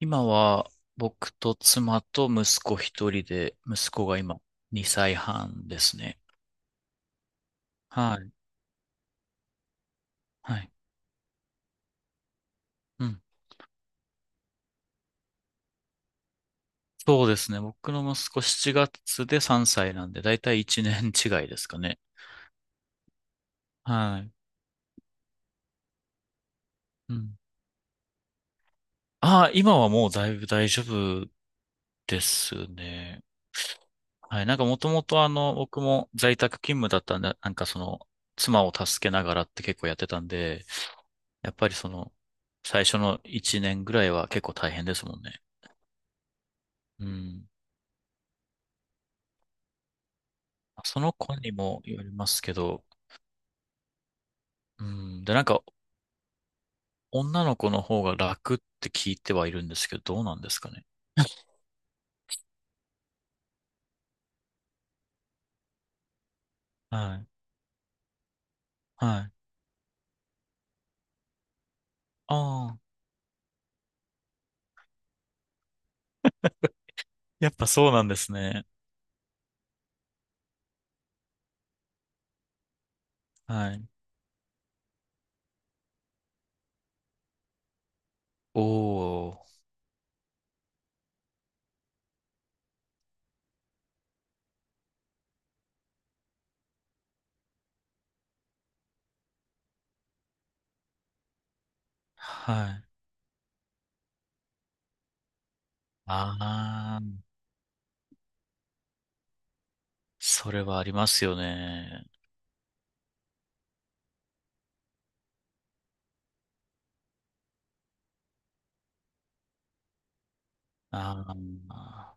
今は僕と妻と息子一人で、息子が今2歳半ですね。はい。はい。うん。そうですね。僕の息子7月で3歳なんで、だいたい1年違いですかね。はい。うん。ああ、今はもうだいぶ大丈夫ですね。はい。なんかもともと僕も在宅勤務だったんで、なんか妻を助けながらって結構やってたんで、やっぱり最初の1年ぐらいは結構大変ですもんね。うん。その子にもよりますけど、うん。で、なんか、女の子の方が楽って聞いてはいるんですけど、どうなんですかね。はい。はい。ああ、やっぱそうなんですね。はい。おー。はい。ああ、それはありますよね。ああ、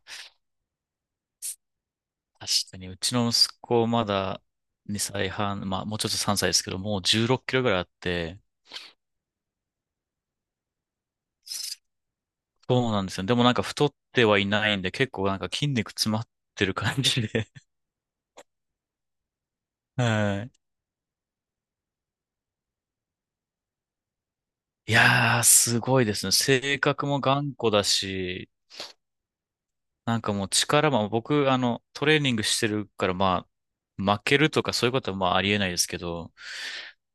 確かに、うちの息子まだ2歳半、まあもうちょっと3歳ですけど、もう16キロぐらいあって、そうなんですよ。でもなんか太ってはいないんで、結構なんか筋肉詰まってる感じで、はい。いやー、すごいですね。性格も頑固だし、なんかもう力も、僕、トレーニングしてるから、まあ、負けるとかそういうことはまあありえないですけど、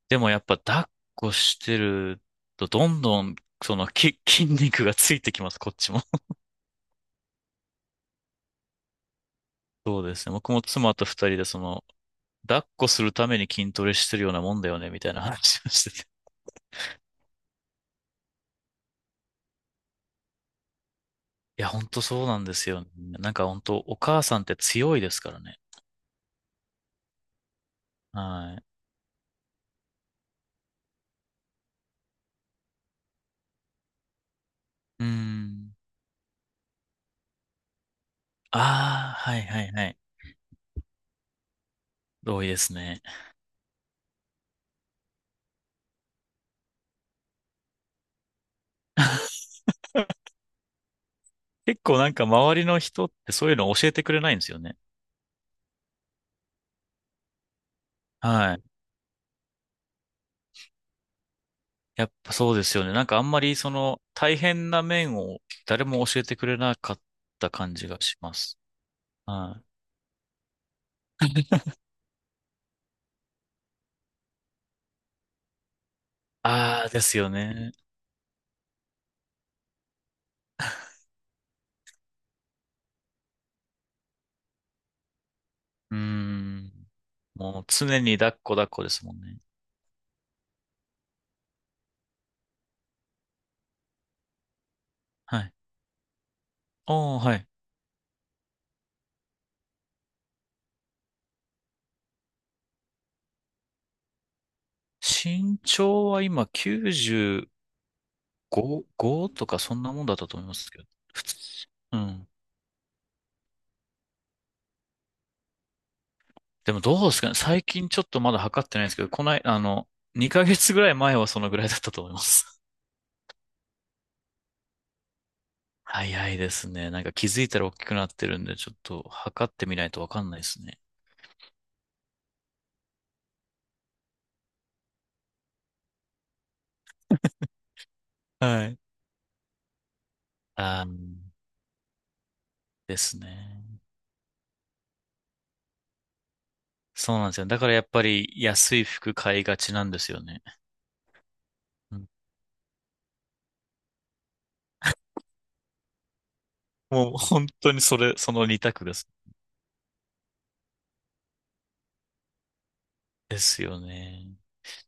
でもやっぱ抱っこしてると、どんどん、そのき、筋肉がついてきます、こっちも。そうですね。僕も妻と二人で、抱っこするために筋トレしてるようなもんだよね、みたいな話をしてて。いや、ほんとそうなんですよね。なんかほんと、お母さんって強いですからね。はい。うーん。ああ、はいはいはい。同意ですね。結構なんか周りの人ってそういうの教えてくれないんですよね。はい。やっぱそうですよね。なんかあんまりその大変な面を誰も教えてくれなかった感じがします。はい。ああ、ですよね。うーん。もう常に抱っこ抱っこですもんね。はい。おー、はい。身長は今95、5とかそんなもんだったと思いますけど。普通。うん。でもどうですかね。最近ちょっとまだ測ってないんですけど、こない、あの、2ヶ月ぐらい前はそのぐらいだったと思います。早いですね。なんか気づいたら大きくなってるんで、ちょっと測ってみないとわかんないですね。はい。あー、ですね。そうなんですよね。だからやっぱり安い服買いがちなんですよね。うん。もう本当にそれ、その二択です。ですよね。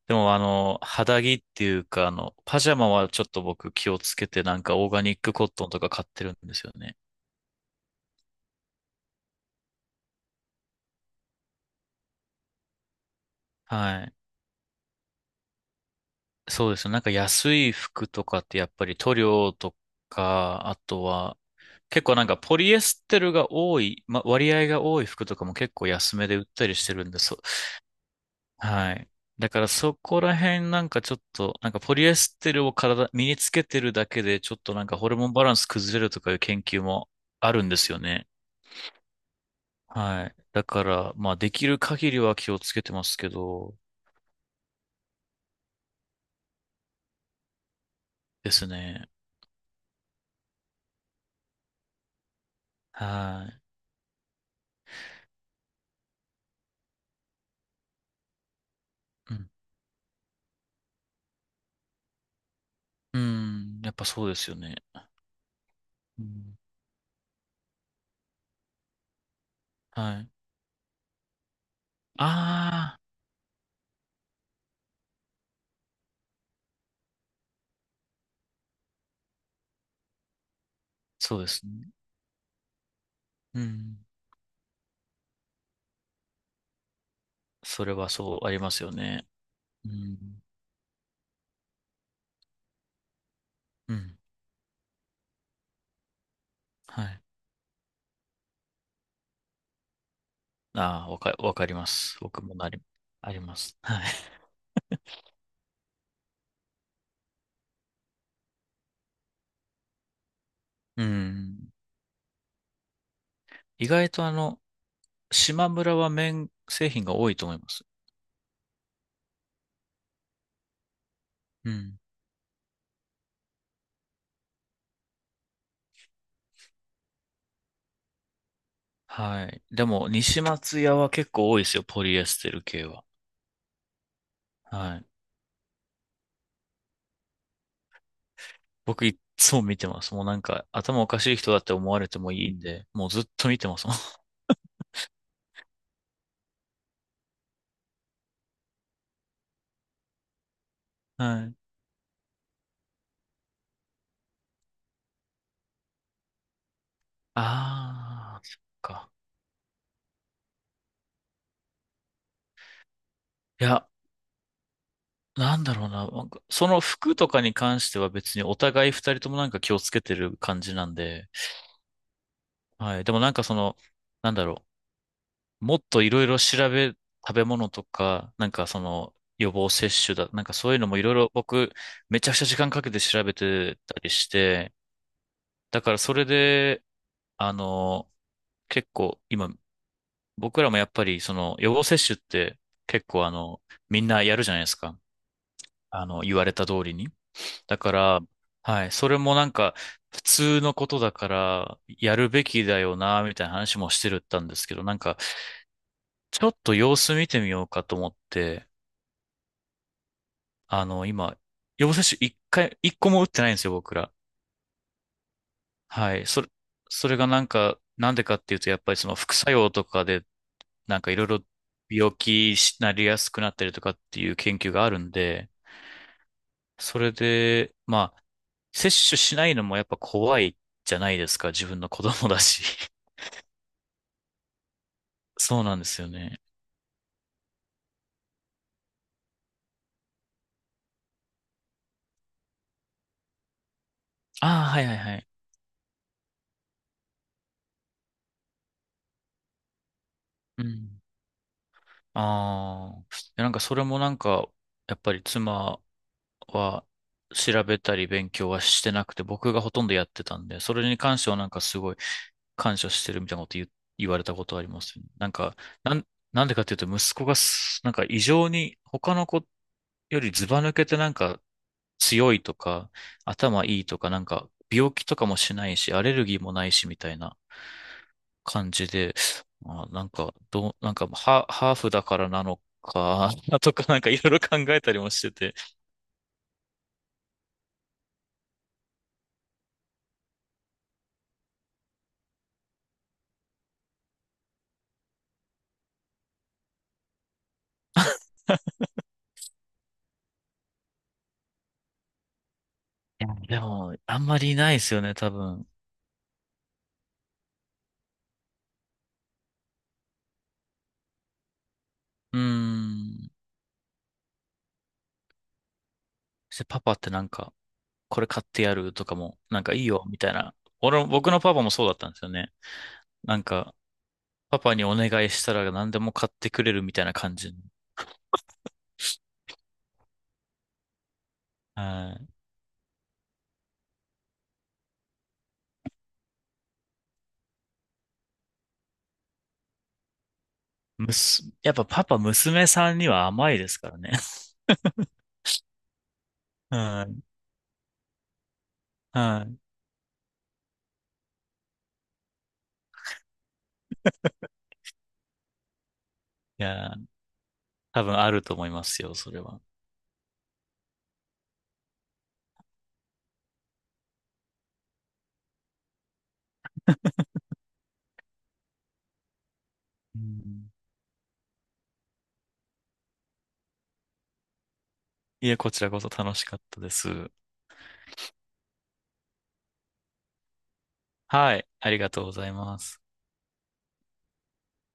でも肌着っていうか、パジャマはちょっと僕気をつけて、なんかオーガニックコットンとか買ってるんですよね。はい。そうですね。なんか安い服とかってやっぱり塗料とか、あとは結構なんかポリエステルが多い、割合が多い服とかも結構安めで売ったりしてるんです。はい。だからそこら辺なんかちょっと、なんかポリエステルを身につけてるだけでちょっとなんかホルモンバランス崩れるとかいう研究もあるんですよね。はい。だから、まあできる限りは気をつけてますけど、ですね。はい。うん。うん。やっぱそうですよね。うん。はい。ああ、そうですね。うん。それはそうありますよね。うん。うん。はい。ああ、わかります。僕もあります。はい。うん。意外と島村は麺製品が多いと思います。うん。はい。でも、西松屋は結構多いですよ。ポリエステル系は。はい。僕いっつも見てます。もうなんか、頭おかしい人だって思われてもいいんで、もうずっと見てますもん。はい。ああ、そっか。いや、なんだろうな。なんかその服とかに関しては別にお互い二人ともなんか気をつけてる感じなんで。はい。でもなんかなんだろう。もっといろいろ食べ物とか、なんかその予防接種だ、なんかそういうのもいろいろ僕めちゃくちゃ時間かけて調べてたりして、だからそれで、あの、結構今僕らもやっぱりその予防接種って結構みんなやるじゃないですか。言われた通りに。だから、はい、それもなんか、普通のことだから、やるべきだよな、みたいな話もしてるったんですけど、なんか、ちょっと様子見てみようかと思って、今、予防接種一個も打ってないんですよ、僕ら。はい、それがなんか、なんでかっていうと、やっぱりその副作用とかで、なんかいろいろ病気になりやすくなったりとかっていう研究があるんで、それで、まあ、接種しないのもやっぱ怖いじゃないですか、自分の子供だし。そうなんですよね。ああ、はいはいはい。うん。ああ。いやなんかそれもなんか、やっぱり妻は調べたり勉強はしてなくて、僕がほとんどやってたんで、それに関してはなんかすごい感謝してるみたいなこと言われたことありますよね。なんか、なん、なんでかっていうと息子がすなんか異常に他の子よりずば抜けてなんか強いとか、頭いいとか、なんか病気とかもしないし、アレルギーもないしみたいな。感じで、なんか、なんか、ハーフだからなのか、とか、なんかいろいろ考えたりもしてて。いや、でも、あんまりいないですよね、多分。うーん。そしてパパってなんか、これ買ってやるとかも、なんかいいよ、みたいな。俺も、僕のパパもそうだったんですよね。なんか、パパにお願いしたら何でも買ってくれるみたいな感じの。はい。やっぱパパ、娘さんには甘いですからね。はい。はい。いや、多分あると思いますよ、それは。うん。いえ、こちらこそ楽しかったです。はい。ありがとうございます。